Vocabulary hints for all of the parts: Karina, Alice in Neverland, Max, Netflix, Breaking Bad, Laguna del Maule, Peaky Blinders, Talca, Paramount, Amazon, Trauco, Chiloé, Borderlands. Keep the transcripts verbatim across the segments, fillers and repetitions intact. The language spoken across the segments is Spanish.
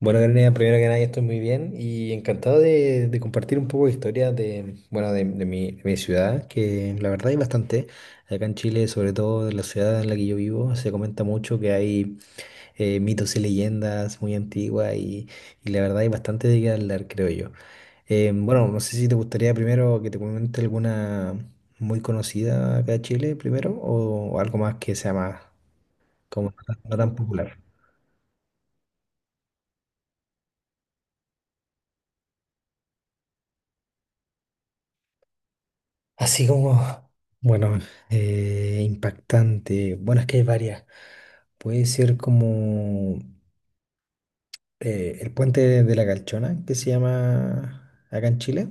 Bueno, Karina, primero que nada, yo estoy muy bien y encantado de, de compartir un poco de historia de, bueno, de, de mi, de mi ciudad, que la verdad hay bastante. Acá en Chile, sobre todo en la ciudad en la que yo vivo, se comenta mucho que hay eh, mitos y leyendas muy antiguas y, y la verdad hay bastante de qué hablar, creo yo. Eh, bueno, no sé si te gustaría primero que te comente alguna muy conocida acá en Chile primero o, o algo más que sea más, como no tan no tan popular. Así como, bueno, eh, impactante. Bueno, es que hay varias. Puede ser como eh, el puente de la Calchona, que se llama acá en Chile,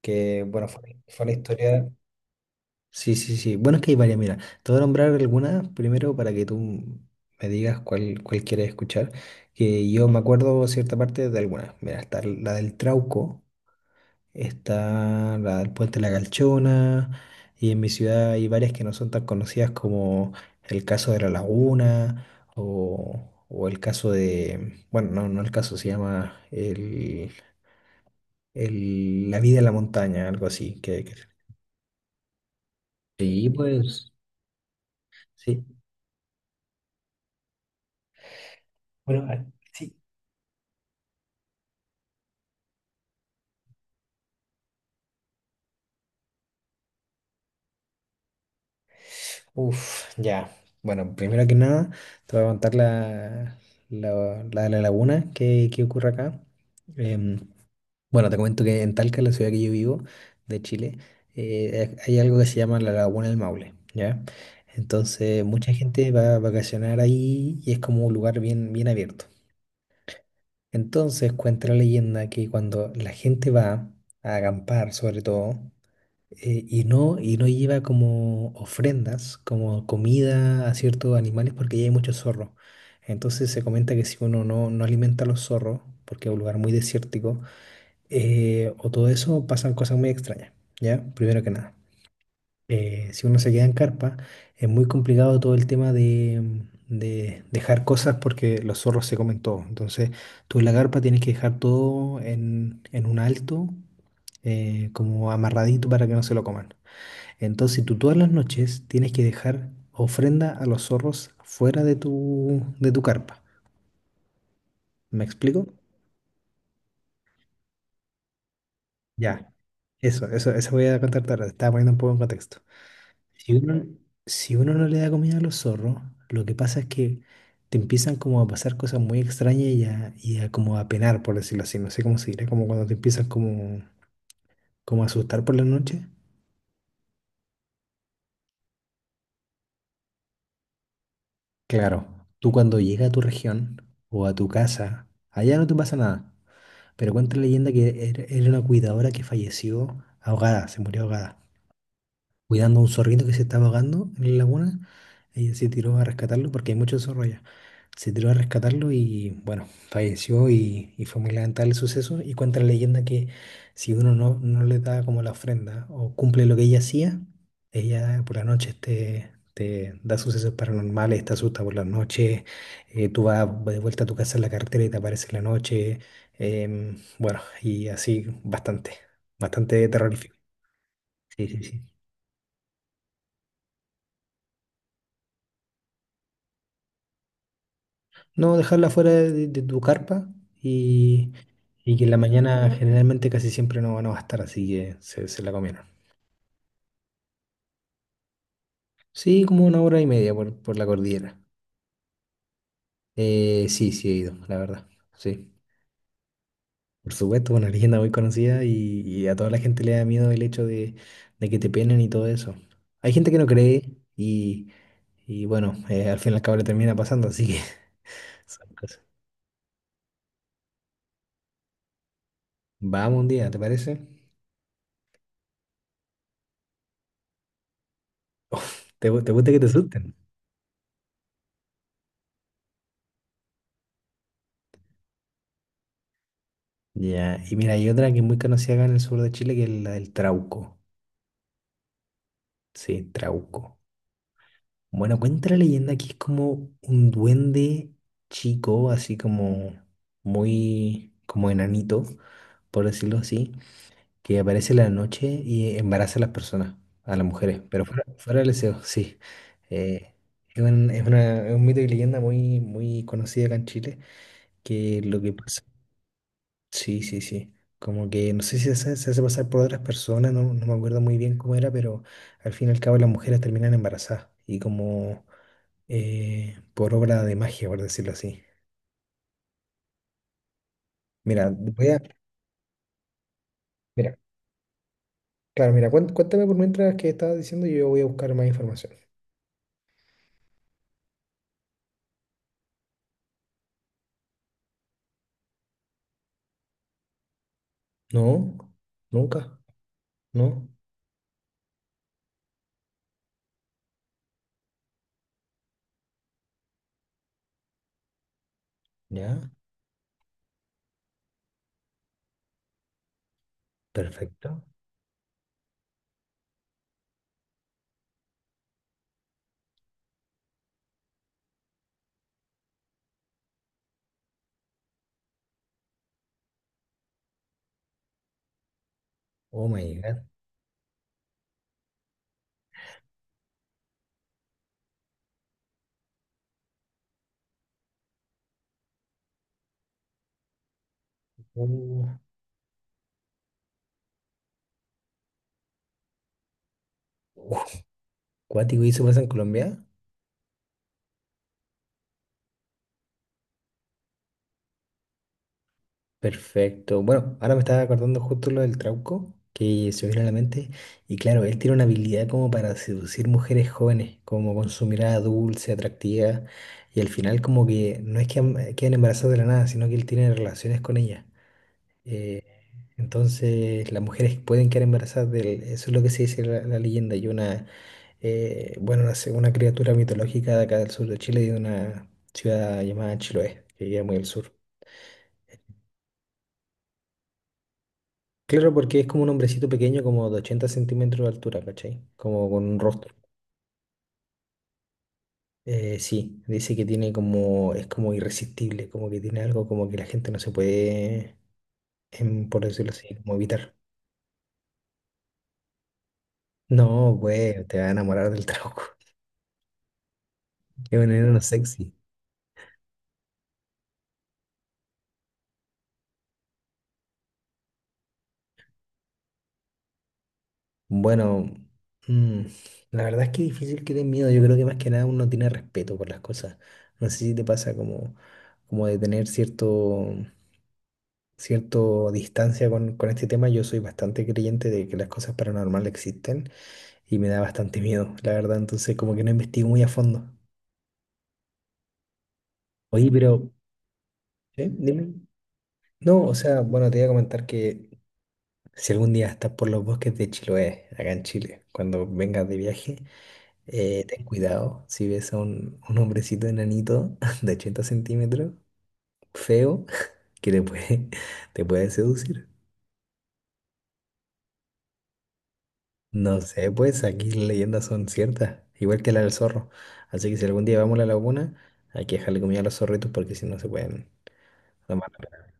que, bueno, fue, fue la historia. Sí, sí, sí. Bueno, es que hay varias. Mira, te voy a nombrar algunas primero para que tú me digas cuál, cuál quieres escuchar, que yo me acuerdo cierta parte de algunas. Mira, está la del Trauco, está la, el puente La Calchona, y en mi ciudad hay varias que no son tan conocidas como el caso de La Laguna o, o el caso de, bueno, no, no el caso, se llama el, el- La vida en la montaña, algo así. Que, que- Sí, pues. Sí. Bueno, ah, sí. Uf, ya. Bueno, primero que nada, te voy a contar la, la, la de la laguna que, que ocurre acá. Em, Bueno, te comento que en Talca, la ciudad que yo vivo, de Chile, eh, hay algo que se llama la Laguna del Maule, ¿ya? Entonces, mucha gente va a vacacionar ahí y es como un lugar bien, bien abierto. Entonces, cuenta la leyenda que cuando la gente va a acampar, sobre todo, eh, y no, y no lleva como ofrendas, como comida a ciertos animales, porque ya hay muchos zorros. Entonces, se comenta que si uno no, no alimenta a los zorros, porque es un lugar muy desértico, eh, o todo eso, pasan cosas muy extrañas, ¿ya? Primero que nada. Eh, si uno se queda en carpa, es muy complicado todo el tema de, de dejar cosas porque los zorros se comen todo. Entonces, tú en la carpa tienes que dejar todo en, en un alto, eh, como amarradito para que no se lo coman. Entonces, tú todas las noches tienes que dejar ofrenda a los zorros fuera de tu, de tu carpa. ¿Me explico? Ya. Eso, eso, eso voy a contar tarde. Estaba poniendo un poco en contexto. Si uno, si uno no le da comida a los zorros, lo que pasa es que te empiezan como a pasar cosas muy extrañas y a, y a como a penar, por decirlo así. No sé cómo se dirá, como cuando te empiezan como, como a asustar por la noche. Claro, tú cuando llegas a tu región o a tu casa, allá no te pasa nada. Pero cuenta la leyenda que era era una cuidadora que falleció ahogada, se murió ahogada, cuidando a un zorrito que se estaba ahogando en la laguna. Ella se tiró a rescatarlo porque hay muchos zorros allá. Se tiró a rescatarlo y bueno, falleció y, y fue muy lamentable el suceso. Y cuenta la leyenda que si uno no, no le da como la ofrenda o cumple lo que ella hacía, ella por la noche te, te da sucesos paranormales, te asusta por la noche, eh, tú vas de vuelta a tu casa en la carretera y te aparece en la noche. Em, bueno, y así bastante, bastante terrorífico. Sí, sí, sí. No, dejarla fuera de, de tu carpa y, y que en la mañana generalmente casi siempre no van a estar, así que se, se la comieron. Sí, como una hora y media por, por la cordillera. Eh, sí, sí he ido, la verdad. Sí, por supuesto, una leyenda muy conocida y, y a toda la gente le da miedo el hecho de, de que te penen y todo eso. Hay gente que no cree y, y bueno, eh, al fin y al cabo le termina pasando, así que son cosas. Vamos un día, ¿te parece? Uf, ¿te, gu- te gusta que te asusten? Ya, y mira, hay otra que es muy conocida acá en el sur de Chile, que es la del Trauco. Sí, Trauco. Bueno, cuenta la leyenda que es como un duende chico, así como muy, como enanito, por decirlo así, que aparece en la noche y embaraza a las personas, a las mujeres, pero fuera, fuera del deseo, sí. Eh, es un, es una- es un mito y leyenda muy, muy conocida acá en Chile, que lo que pasa. Sí, sí, sí. Como que no sé si se hace, se hace pasar por otras personas, no, no me acuerdo muy bien cómo era, pero al fin y al cabo las mujeres terminan embarazadas y como eh, por obra de magia, por decirlo así. Mira, voy a... Mira, claro, mira, cuént- cuéntame por mientras que estabas diciendo y yo voy a buscar más información. No, nunca, no, ya, perfecto. Oh my God. Uh, uh, cuático, ¿y eso pasa en Colombia? Perfecto. Bueno, ahora me estaba acordando justo lo del Trauco, que se me vino a la mente. Y claro, él tiene una habilidad como para seducir mujeres jóvenes, como con su mirada dulce, atractiva. Y al final como que no es que am- eh, queden embarazadas de la nada, sino que él tiene relaciones con ellas. Eh, entonces las mujeres pueden quedar embarazadas de él. Eso es lo que se dice la, la leyenda. Y una, eh, bueno, una, se- una criatura mitológica de acá del sur de Chile, de una ciudad llamada Chiloé, que queda muy al sur. Claro, porque es como un hombrecito pequeño, como de ochenta centímetros de altura, ¿cachai? Como con un rostro. Eh, sí, dice que tiene como, es como irresistible, como que tiene algo como que la gente no se puede, em, por decirlo así, como evitar. No, pues, te va a enamorar del trago. Es un enano sexy. Bueno, mm, la verdad es que es difícil que den miedo. Yo creo que más que nada uno tiene respeto por las cosas. No sé si te pasa como, como de tener cierto, cierto distancia con, con este tema. Yo soy bastante creyente de que las cosas paranormales existen y me da bastante miedo, la verdad, entonces como que no investigo muy a fondo. Oye, pero, ¿eh? Dime. No, o sea, bueno, te voy a comentar que si algún día estás por los bosques de Chiloé, acá en Chile, cuando vengas de viaje, eh, ten cuidado si ves a un, un hombrecito enanito de ochenta centímetros, feo, que te puede, te puede seducir. No sé, pues aquí las leyendas son ciertas, igual que la del zorro. Así que si algún día vamos a la laguna, hay que dejarle comida a los zorritos porque si no se pueden tomar la pena.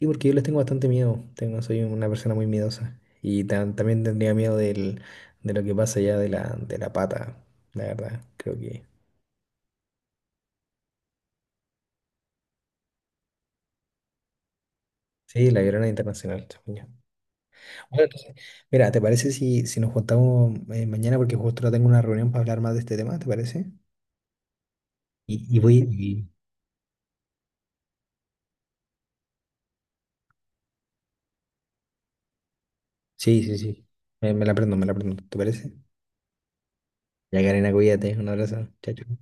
Sí, porque yo les tengo bastante miedo. Tengo, soy una persona muy miedosa. Y tan- también tendría miedo del, de lo que pasa ya de la, de la pata, la verdad. Creo que. Sí, la Llorona Internacional, según yo. Bueno, entonces, mira, ¿te parece si, si nos juntamos eh, mañana? Porque justo ahora tengo una reunión para hablar más de este tema, ¿te parece? Y, y voy. y- Sí, sí, sí. Me, me la prendo, me la prendo. ¿Te parece? Ya, Karina, cuídate. Un abrazo. Chao, chao.